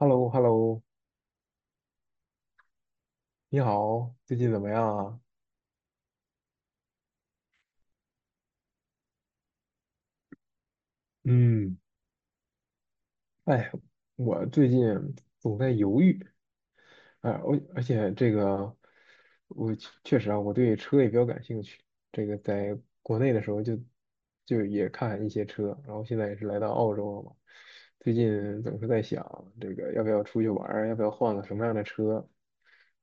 h e l l o h e l l o 你好，最近怎么样啊？嗯，哎，我最近总在犹豫。哎，我而且这个，我确实啊，我对车也比较感兴趣。这个在国内的时候就也看一些车，然后现在也是来到澳洲了嘛。最近总是在想这个要不要出去玩儿，要不要换个什么样的车，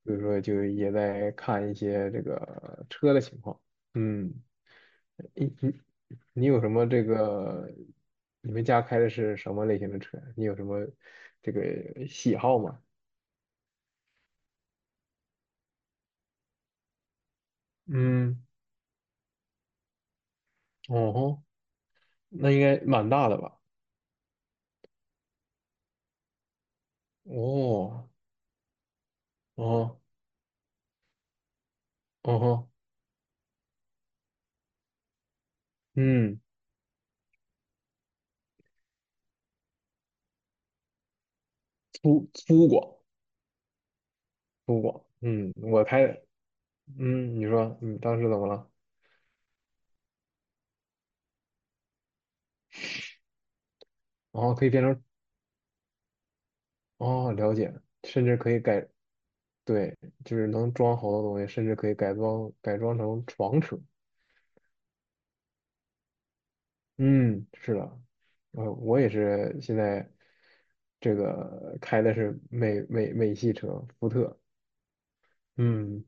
所以说就也在看一些这个车的情况。嗯。你你你有什么这个？你们家开的是什么类型的车？你有什么这个喜好吗？嗯，哦吼，那应该蛮大的吧？哦，哦，哦吼，嗯，粗犷，粗犷，嗯，我开嗯，你说，嗯，当时怎么了？哦，可以变成，哦，了解，甚至可以改，对，就是能装好多东西，甚至可以改装改装成床车，嗯，是的。呃，我也是现在这个开的是美系车，福特。嗯，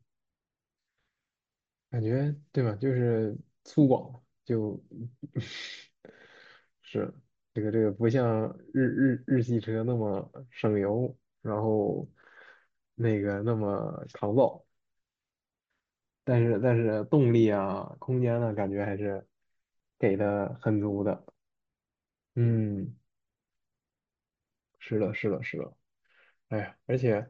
感觉对吧？就是粗犷，就是这个不像日系车那么省油，然后那个那么抗造，但是动力啊、空间呢，感觉还是给的很足的。嗯，是的，是的，是的。哎呀，而且，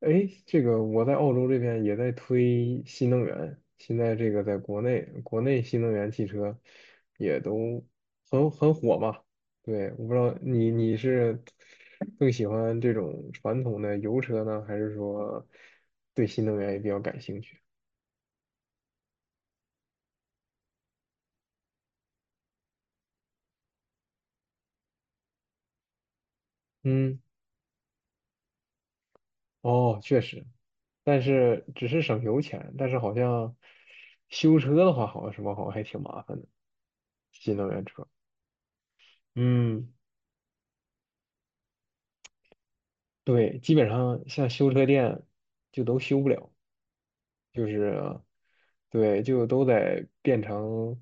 哎，这个我在澳洲这边也在推新能源，现在这个在国内，国内新能源汽车也都很火嘛。对，我不知道你是更喜欢这种传统的油车呢，还是说对新能源也比较感兴趣？嗯，哦，确实，但是只是省油钱，但是好像修车的话，好像什么好像还挺麻烦的，新能源车。嗯。对，基本上像修车店就都修不了，就是对，就都得变成。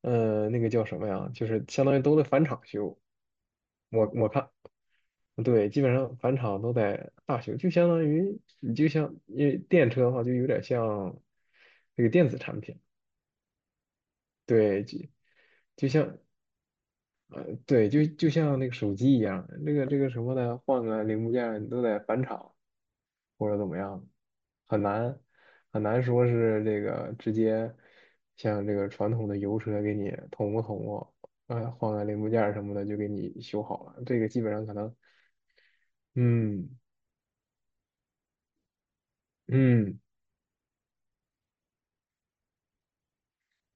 呃，那个叫什么呀？就是相当于都得返厂修。我看，对，基本上返厂都得大修，就相当于你就像因为电车的话，就有点像那个电子产品。对，就像呃，对，就像那个手机一样，那个这个什么的，换个零部件儿你都得返厂或者怎么样，很难很难说是这个直接像这个传统的油车给你捅咕捅咕。呃，换个零部件儿什么的就给你修好了，这个基本上可能，嗯嗯。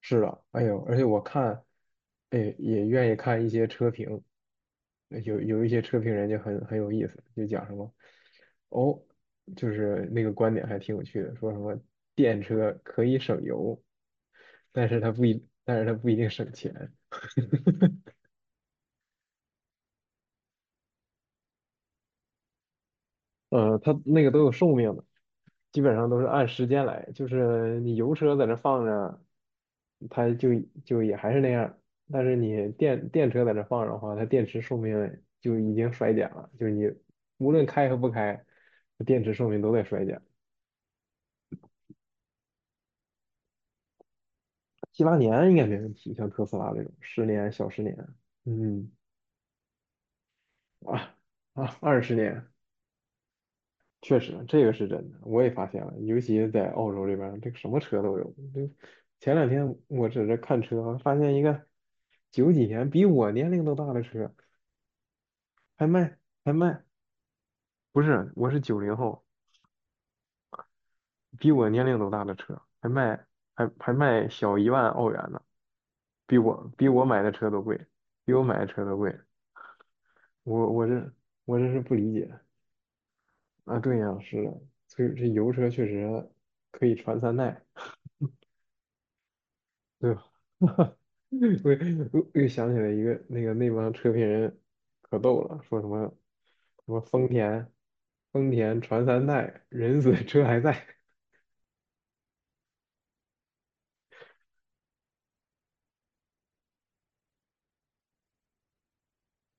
是的，哎呦，而且我看，哎，也愿意看一些车评，有一些车评人就很有意思，就讲什么，哦，就是那个观点还挺有趣的，说什么电车可以省油，但是它不一，但是它不一定省钱。呃，它那个都有寿命的。基本上都是按时间来，就是你油车在那放着，它就就也还是那样，但是你电车在那放着的话，它电池寿命就已经衰减了，就是你无论开和不开，电池寿命都在衰减。七八年应该没问题，像特斯拉这种十年小十年。嗯啊20年，确实，这个是真的，我也发现了，尤其是在澳洲这边儿这个什么车都有。这前两天我在这看车，发现一个九几年比我年龄都大的车，还卖还卖，不是，我是90后。比我年龄都大的车，还卖还卖小1万澳元呢，比我买的车都贵，比我买的车都贵。我我这我这是不理解啊，对呀，是的，所以这油车确实可以传三代。对吧？我又想起来一个那个那帮车评人可逗了，说什么什么丰田，丰田传三代，人死车还在。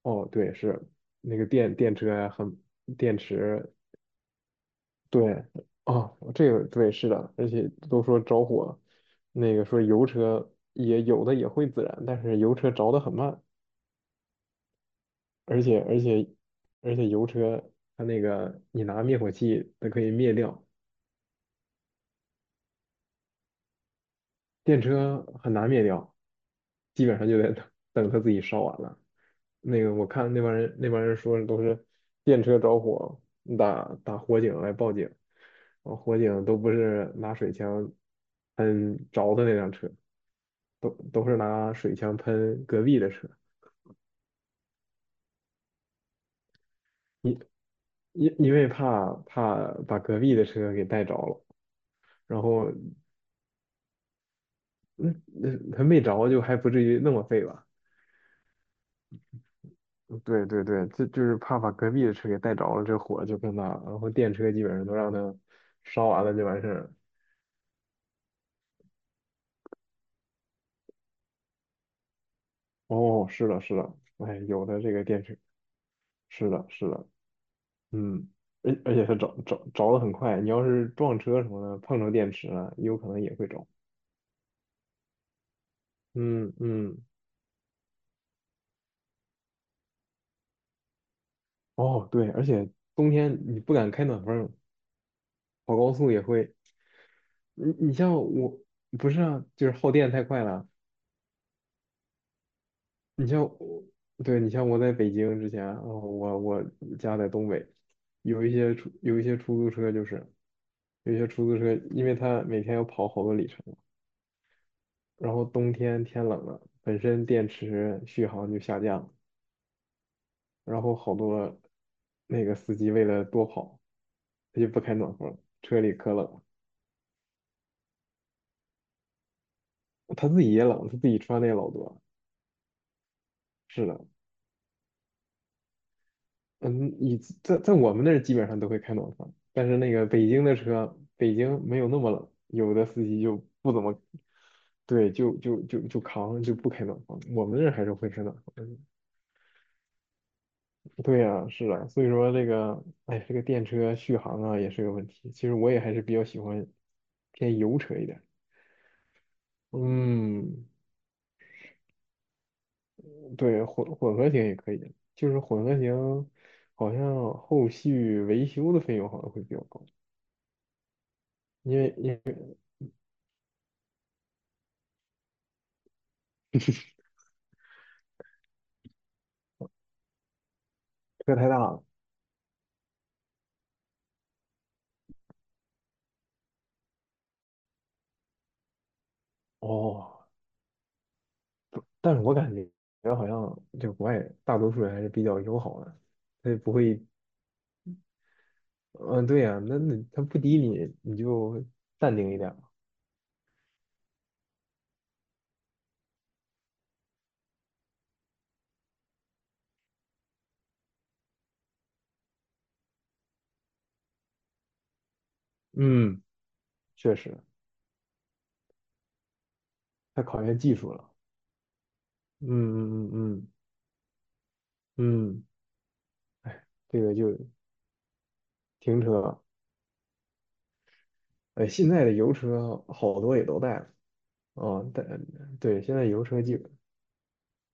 哦，对，是那个电车呀，很电池，对，哦，这个对是的，而且都说着火，那个说油车也有的也会自燃，但是油车着得很慢，而且而且而且油车它那个你拿灭火器它可以灭掉，电车很难灭掉，基本上就得等等它自己烧完了。那个我看那帮人那帮人说的都是电车着火，打火警来报警，然后火警都不是拿水枪喷着的那辆车，都是拿水枪喷隔壁的车，因因为怕把隔壁的车给带着了，然后他没着就还不至于那么废吧。对对对，这就是怕把隔壁的车给带着了，这火就更大了。然后电车基本上都让它烧完了就完事儿了。哦，是的，是的，哎，有的这个电车，是的，是的，嗯，而而且它着的很快，你要是撞车什么的，碰着电池了，有可能也会着。嗯嗯，哦对，而且冬天你不敢开暖风，跑高速也会。你像我，不是啊，就是耗电太快了，你像我，对你像我在北京之前，哦，我家在东北，有一些出租车就是，有一些出租车，因为它每天要跑好多里程，然后冬天天冷了，本身电池续航就下降了，然后好多那个司机为了多跑，他就不开暖风，车里可冷了，他自己也冷，他自己穿的也老多。是的，嗯，你在我们那儿基本上都会开暖房，但是那个北京的车，北京没有那么冷，有的司机就不怎么，对，就扛就不开暖房，我们那儿还是会开暖房的。对呀，是啊，所以说这个，哎，这个电车续航啊也是个问题。其实我也还是比较喜欢偏油车一点。嗯，对，混合型也可以，就是混合型好像后续维修的费用好像会比较高，因为车太大了。哦，但是我感觉好像就国外大多数人还是比较友好的，他也不会，嗯，对呀、那他不滴你，你就淡定一点嘛。嗯，确实，太考验技术了。嗯嗯嗯嗯，嗯，哎，这个就停车，哎，现在的油车好多也都带了。哦，但对，现在油车基本。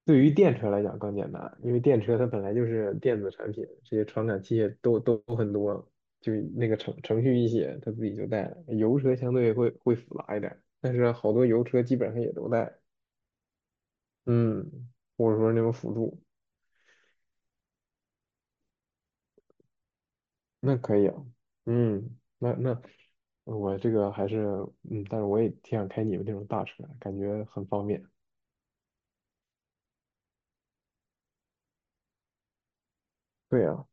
对于电车来讲更简单，因为电车它本来就是电子产品，这些传感器也都很多，就那个程序一写，它自己就带了。油车相对会复杂一点，但是好多油车基本上也都带，嗯，或者说那种辅助，那可以啊，嗯，那我这个还是，嗯，但是我也挺想开你们那种大车，感觉很方便。对啊，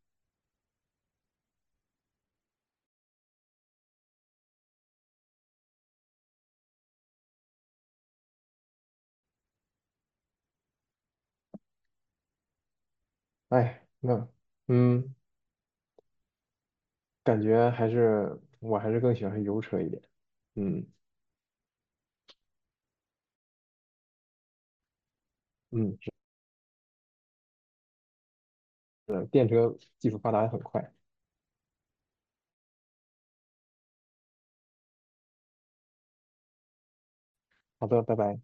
哎，那嗯，感觉还是我还是更喜欢油车一点，嗯。嗯。呃，电车技术发达的很快。好的，拜拜，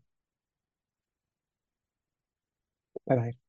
拜拜。